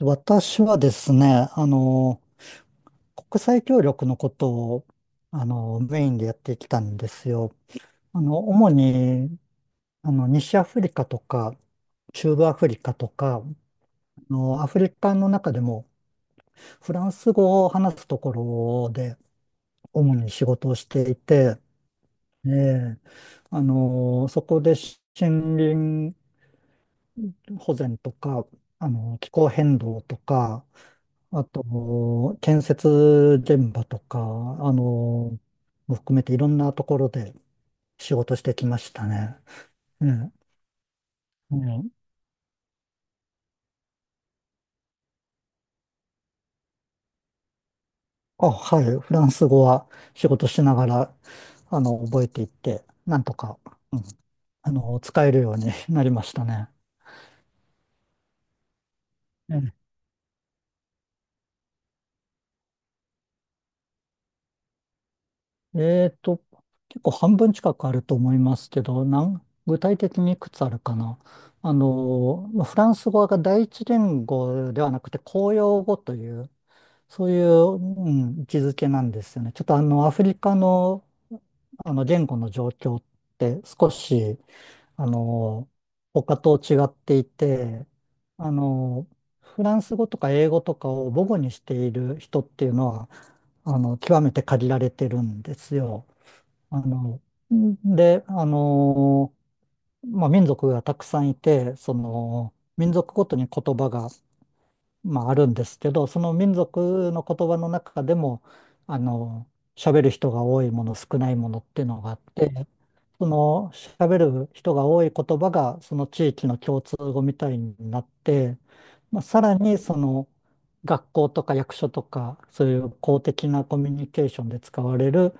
私はですね、国際協力のことを、メインでやってきたんですよ。主に、西アフリカとか、中部アフリカとか、アフリカの中でも、フランス語を話すところで、主に仕事をしていて、ええ。そこで森林保全とか、気候変動とか、あと、建設現場とか、の、も含めていろんなところで仕事してきましたね。ええ。うん。あ、はい。フランス語は仕事しながら、覚えていって、なんとか、うん、使えるようになりましたね。ええ。えーと、結構半分近くあると思いますけど、なん、具体的にいくつあるかな。まあフランス語が第一言語ではなくて公用語という、そういう、うん、位置づけなんですよね。ちょっとアフリカの、言語の状況って少し、あの、他と違っていて、あの、フランス語とか英語とかを母語にしている人っていうのは、極めて限られてるんですよ。あの、んで、まあ、民族がたくさんいて、その、民族ごとに言葉がまあ、あるんですけど、その民族の言葉の中でも、あの、喋る人が多いもの、少ないものっていうのがあって、その喋る人が多い言葉が、その地域の共通語みたいになって、まあ、さらにその学校とか役所とか、そういう公的なコミュニケーションで使われる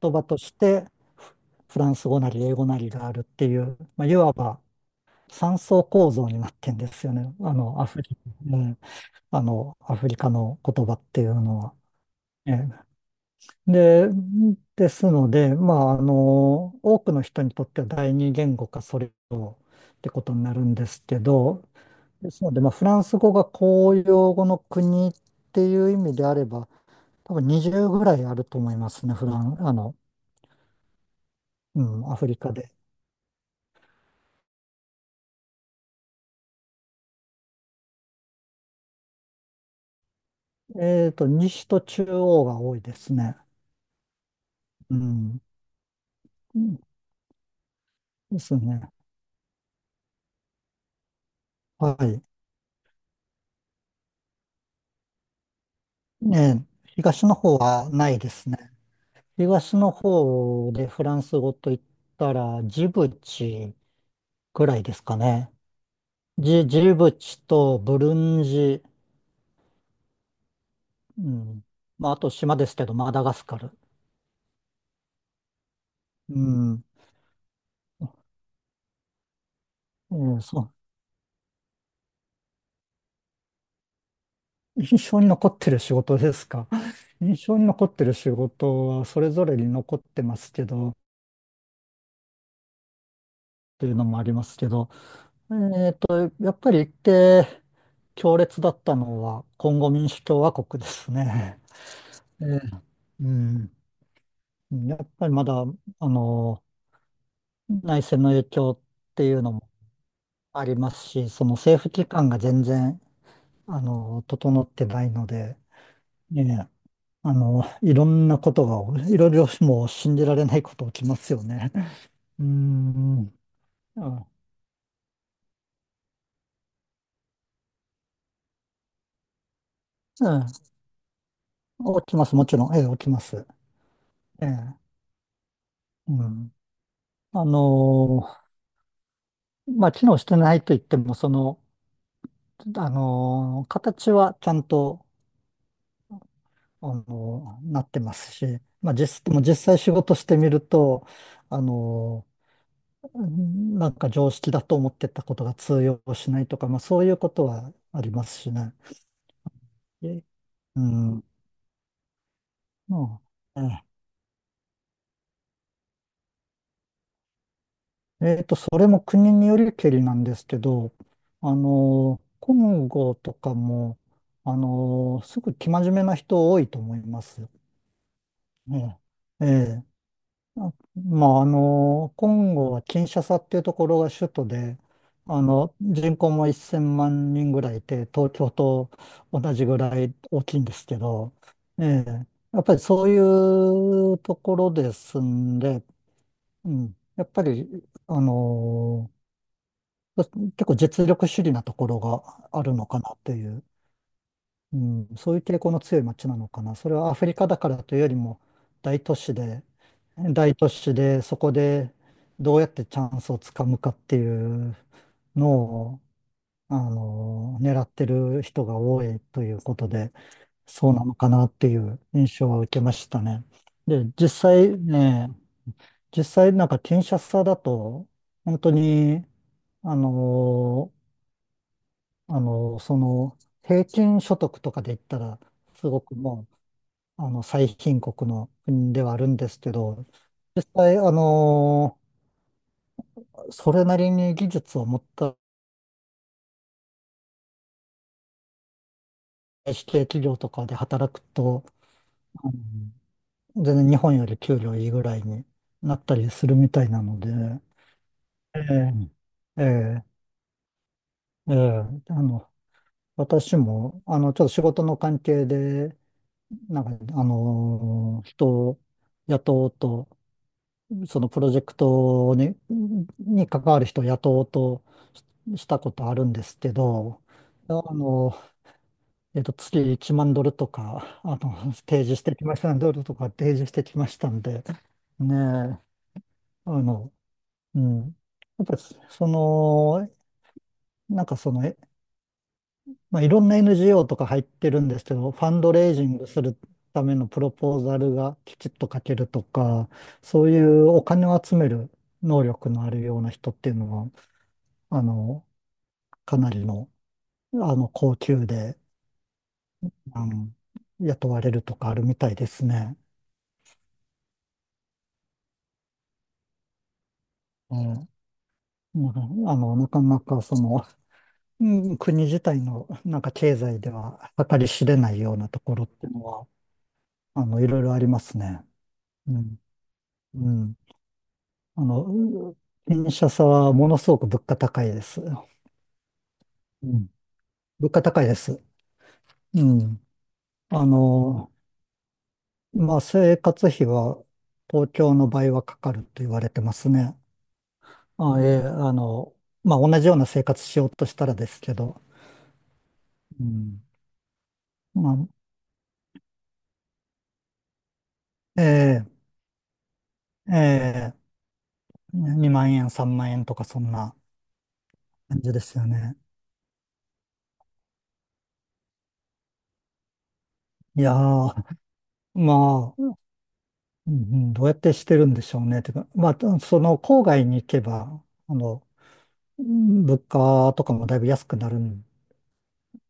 言葉として、フフランス語なり英語なりがあるっていう、まあ、いわば三層構造になってんですよね。アフリカ。アフリカの言葉っていうのは。ええ。で、ですので、まあ、多くの人にとっては第二言語かそれ以上ってことになるんですけど、ですので、まあ、フランス語が公用語の国っていう意味であれば、多分20ぐらいあると思いますね、フラン、うん、アフリカで。えっと、西と中央が多いですね。うん。うんですね。はい。ねえ、東の方はないですね。東の方でフランス語と言ったら、ジブチぐらいですかね。ジブチとブルンジ、うん。まあ、あと島ですけど、マダガスカル。うん。そう。印象に残ってる仕事ですか。印象に残ってる仕事はそれぞれに残ってますけど、っていうのもありますけど、えっと、やっぱり行って強烈だったのは、コンゴ民主共和国ですね。えーうん。やっぱりまだ、あの、内戦の影響っていうのもありますし、その政府機関が全然、整ってないので、ねえ、いろんなことが、いろいろもう信じられないこと起きますよね。うーん、うん、うん。起きます、もちろん、ええ、起きます。ええ、うん。あの、まあ、機能してないと言っても、その、形はちゃんと、なってますし、まあ実、でも実際仕事してみると、あの、うんなんか常識だと思ってたことが通用しないとか、まあそういうことはありますしね。え。うん。まあ、ええ。それも国によりけりなんですけど、コンゴとかも、すぐ生真面目な人多いと思います。ね。ええ。まあ、コンゴはキンシャサっていうところが首都で、人口も1000万人ぐらいいて、東京と同じぐらい大きいんですけど、ええ、やっぱりそういうところですんで、うん、やっぱり、あの、結構実力主義なところがあるのかなっていう。うん、そういう傾向の強い街なのかな。それはアフリカだからというよりも大都市で、大都市でそこでどうやってチャンスをつかむかっていうのを、狙ってる人が多いということで、そうなのかなっていう印象は受けましたね。で、実際ね、実際なんかキンシャサだと、本当に、あの、その、平均所得とかで言ったら、すごくもう、最貧国の国ではあるんですけど、実際、それなりに技術を持った指定企業とかで働くと、うん、全然日本より給料いいぐらいになったりするみたいなので、ええ、ええ、ええ、私も、ちょっと仕事の関係で、なんか、人を雇おうと、そのプロジェクトに、に関わる人を雇おうとしたことあるんですけど、あの、えっと、月1万ドルとか、提示してきました、ドルとか提示してきましたんで、ねえ、あの、うん。やっぱり、その、なんかその、まあ、いろんな NGO とか入ってるんですけど、ファンドレイジングするためのプロポーザルがきちっと書けるとか、そういうお金を集める能力のあるような人っていうのは、あの、かなりの、高級で、あの、雇われるとかあるみたいですね。うん。うん。なかなかその、うん、国自体のなんか経済では計り知れないようなところっていうのは、いろいろありますね。うん。うん。あの、う車さはものすごく物価高いです。うん。物価高いです。うん。あの、まあ、生活費は東京の倍はかかると言われてますね。あ、ええ、まあ、同じような生活しようとしたらですけど、うん。まあ、ええ、ええ、2万円、3万円とかそんな感じですよね。いやー、まあ、うん、どうやってしてるんでしょうね。てか、まあ、その郊外に行けば、あの、うん、物価とかもだいぶ安くなる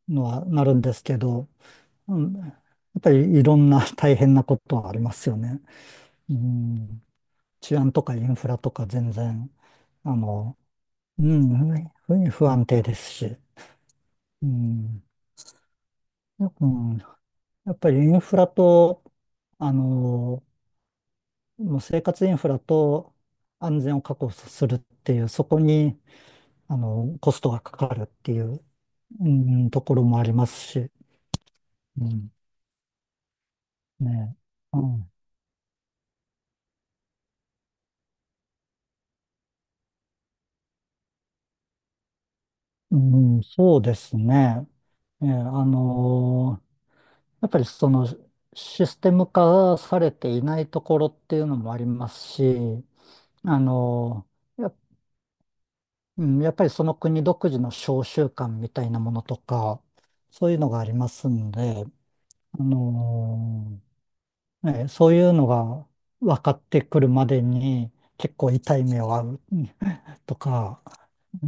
のはなるんですけど、うん、やっぱりいろんな大変なことはありますよね。うん、治安とかインフラとか全然、あの、うん、不安定ですし、うん、よく、うん、やっぱりインフラと、あの、もう生活インフラと安全を確保するっていう、そこに、コストがかかるっていう、うん、ところもありますし、うん、ね、うん、うん、そうですね。ええ、やっぱりそのシステム化されていないところっていうのもありますし、あのーうん、やっぱりその国独自の召集感みたいなものとか、そういうのがありますんで、あのね、そういうのが分かってくるまでに結構痛い目を遭う、うん、とか、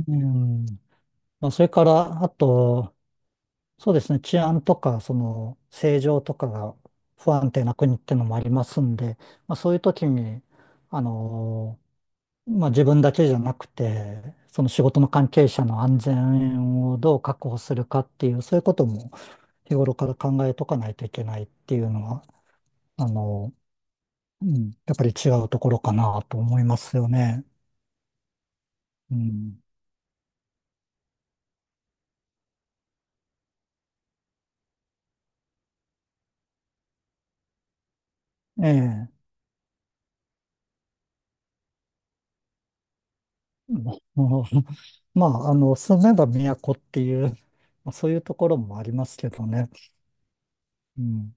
うん、まあ、それから、あと、そうですね、治安とか、その、政情とかが不安定な国ってのもありますんで、まあ、そういう時に、あのまあ、自分だけじゃなくて、その仕事の関係者の安全をどう確保するかっていう、そういうことも日頃から考えとかないといけないっていうのは、あの、うん、やっぱり違うところかなと思いますよね。うん、ええ。もうまあ、住めば都っていう、まあそういうところもありますけどね。うん。